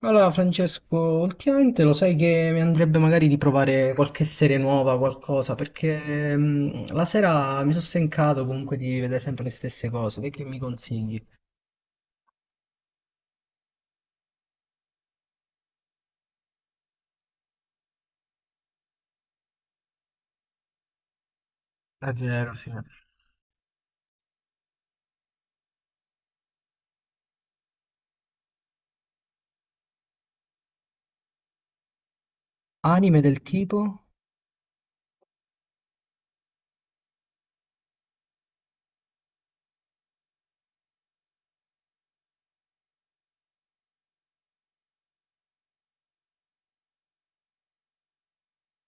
Allora, Francesco, ultimamente lo sai che mi andrebbe magari di provare qualche serie nuova, qualcosa, perché la sera mi sono stancato comunque di vedere sempre le stesse cose. Te che mi consigli? È vero, sì. Anime del tipo?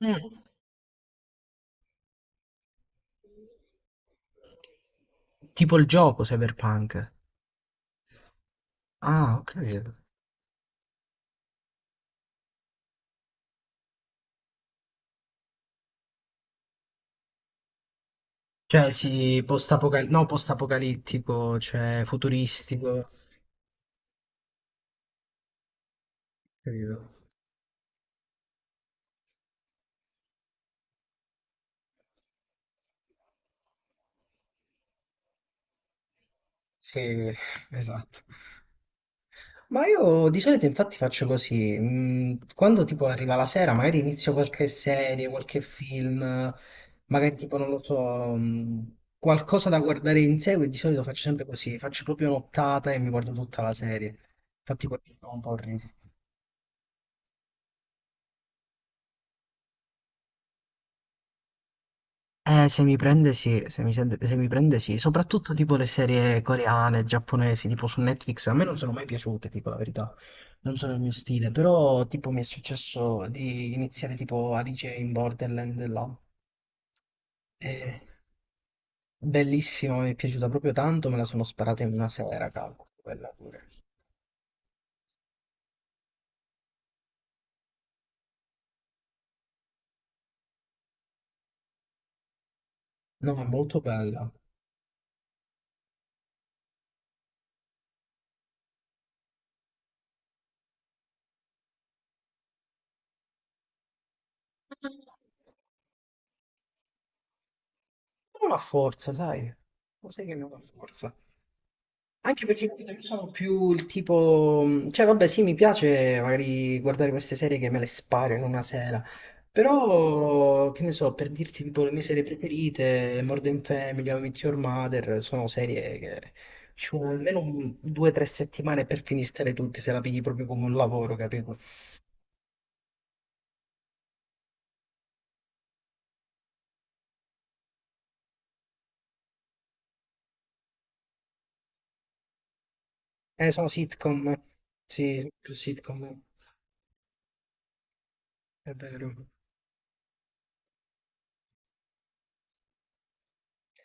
Mm. Tipo il gioco Cyberpunk. Ah, ok. Cioè, sì, no, post-apocalittico, cioè futuristico. Capito? Sì, esatto. Ma io di solito infatti faccio così, quando tipo arriva la sera magari inizio qualche serie, qualche film, magari tipo non lo so, mm, qualcosa da guardare in seguito, di solito faccio sempre così, faccio proprio un'ottata e mi guardo tutta la serie. Infatti poi mi trovo un po' ridere. Se mi prende sì, se mi prende sì, soprattutto tipo le serie coreane, giapponesi, tipo su Netflix, a me non sono mai piaciute, tipo la verità, non sono il mio stile, però tipo mi è successo di iniziare tipo Alice in Borderland là. Eh, bellissima, mi è piaciuta proprio tanto, me la sono sparata in una sera, cavolo, quella pure. No, è molto bella. Non ha forza, sai, lo sai che non ha forza. Anche perché capito, io sono più il tipo, cioè vabbè sì mi piace magari guardare queste serie che me le sparo in una sera, però che ne so, per dirti tipo le mie serie preferite, Modern Family, How I Met Your Mother, sono serie che ci vuole almeno due o tre settimane per finirtele tutte se la pigli proprio come un lavoro, capito? Sono sitcom, sì, più sitcom, è vero.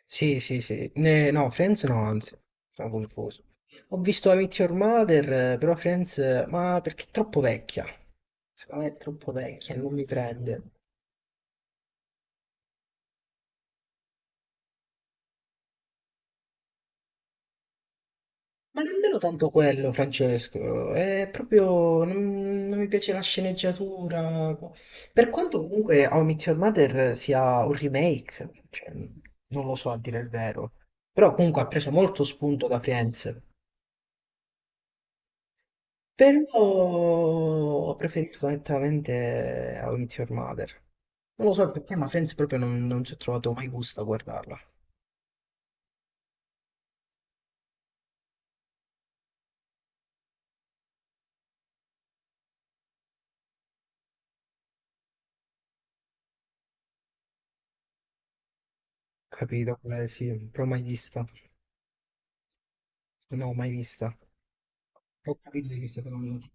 Sì, sì, sì. No, Friends no, anzi, sono confuso. Ho visto I Meet Your Mother, però Friends, ma perché è troppo vecchia. Secondo me è troppo vecchia, non mi prende. Ma nemmeno tanto quello, Francesco. È proprio... non mi piace la sceneggiatura. Per quanto comunque How I Meet Your Mother sia un remake, cioè, non lo so a dire il vero. Però comunque ha preso molto spunto da Friends. Però preferisco nettamente How I Met Your Mother. Non lo so perché, ma Friends proprio non ci ho trovato mai gusto a guardarla. Capito? Sì, però mai vista. No, mai vista. Ho capito di che state parlando.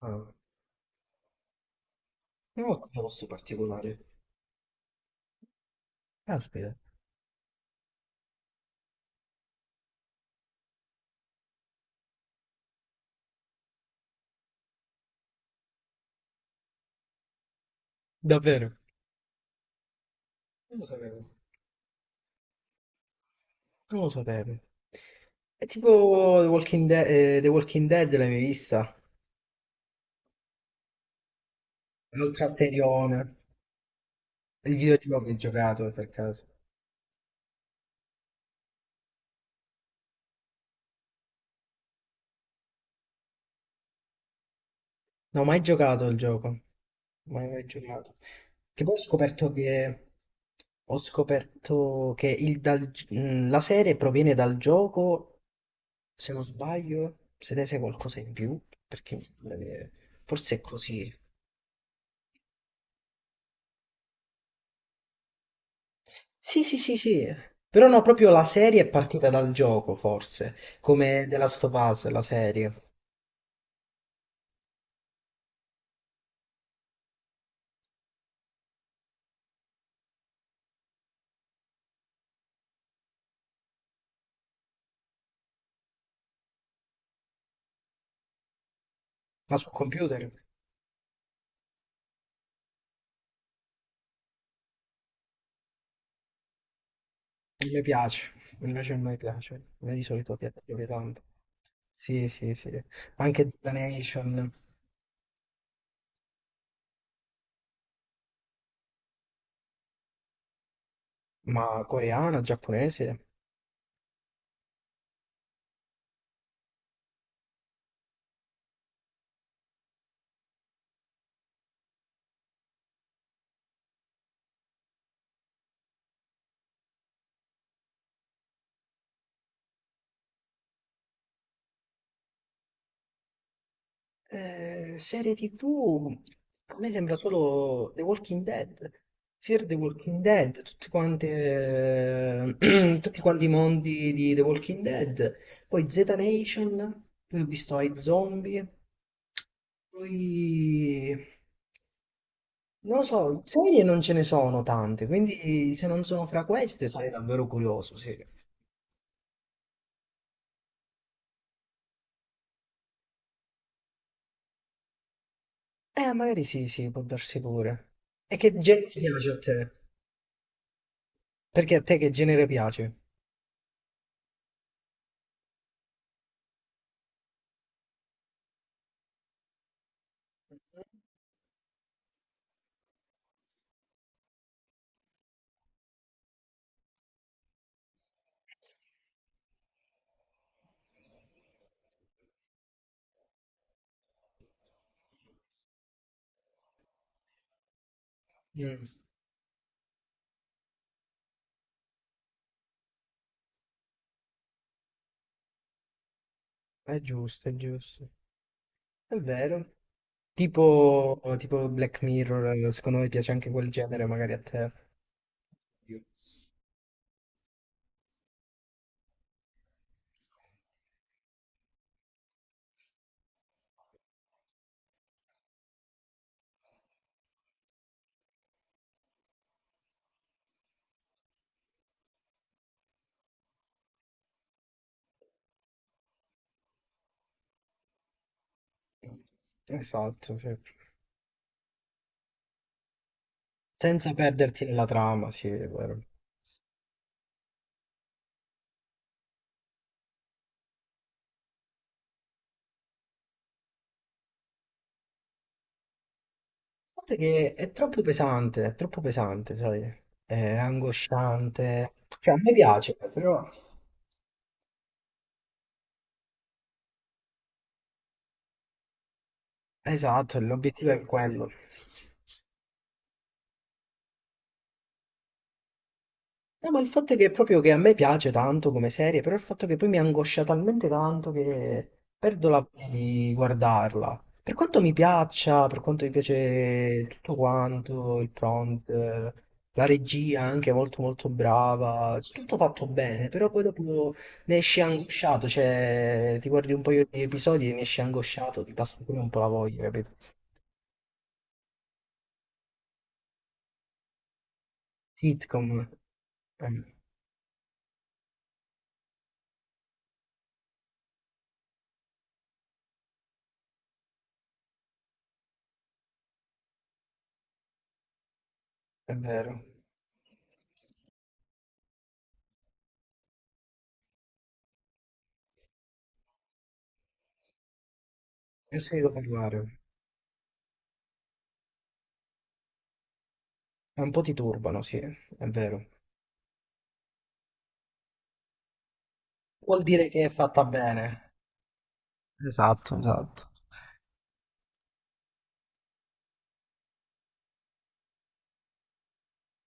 Ah, non ho un gusto particolare. Caspita. Davvero? Non lo sapevo. Non lo sapevo. È tipo The Walking, The Walking Dead, l'hai mai vista? L'ultrasterione. Il videogioco che ho giocato per caso. Non ho mai giocato al gioco. Mai, mai giocato. Che poi ho scoperto che la serie proviene dal gioco, se non sbaglio, se ne sai qualcosa in più, perché mi sembra che forse è così. Sì, sì, sì, sì. Però no, proprio la serie è partita dal gioco, forse, come The Last of Us, la serie, ma sul computer. Non mi piace, invece non mi piace, a me di solito piace più tanto. Sì, sì, sì. Anche Z Nation, ma coreana, giapponese. Serie TV, a me sembra solo The Walking Dead. Fear the Walking Dead, tutti quanti, tutti quanti i mondi di The Walking Dead. Poi Z Nation, poi ho visto i zombie. Poi... Non lo so, serie non ce ne sono tante, quindi se non sono fra queste sarei davvero curioso, sì. Magari sì, sì, può darsi pure. E che genere piace a te? Perché a te che genere piace? Mm. È giusto, è giusto. È vero. Tipo, tipo Black Mirror, secondo me piace anche quel genere, magari a te. Esatto, sì. Senza perderti nella trama, sì, è vero. Il fatto è che è troppo pesante, sai? È angosciante. Cioè, a me piace, però... Esatto, l'obiettivo è quello. No, ma il fatto è che proprio che a me piace tanto come serie, però il fatto che poi mi angoscia talmente tanto che perdo la voglia di guardarla. Per quanto mi piaccia, per quanto mi piace tutto quanto, il prompt, la regia anche molto molto brava, tutto fatto bene, però poi dopo ne esci angosciato, cioè ti guardi un paio di episodi e ne esci angosciato, ti passa pure un po' la voglia, capito? Sitcom, eh, è vero. Non se ne devo parlare. E un po' ti turbano, sì, è vero. Vuol dire che è fatta bene. Esatto, esatto.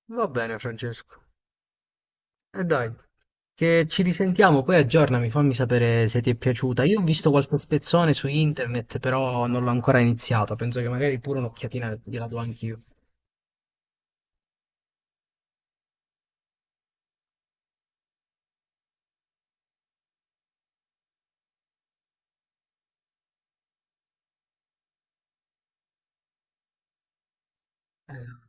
Va bene, Francesco. E dai, che ci risentiamo, poi aggiornami, fammi sapere se ti è piaciuta. Io ho visto qualche spezzone su internet, però non l'ho ancora iniziato. Penso che magari pure un'occhiatina gliela do anch'io. Esatto.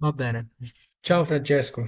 Va bene. Ciao Francesco.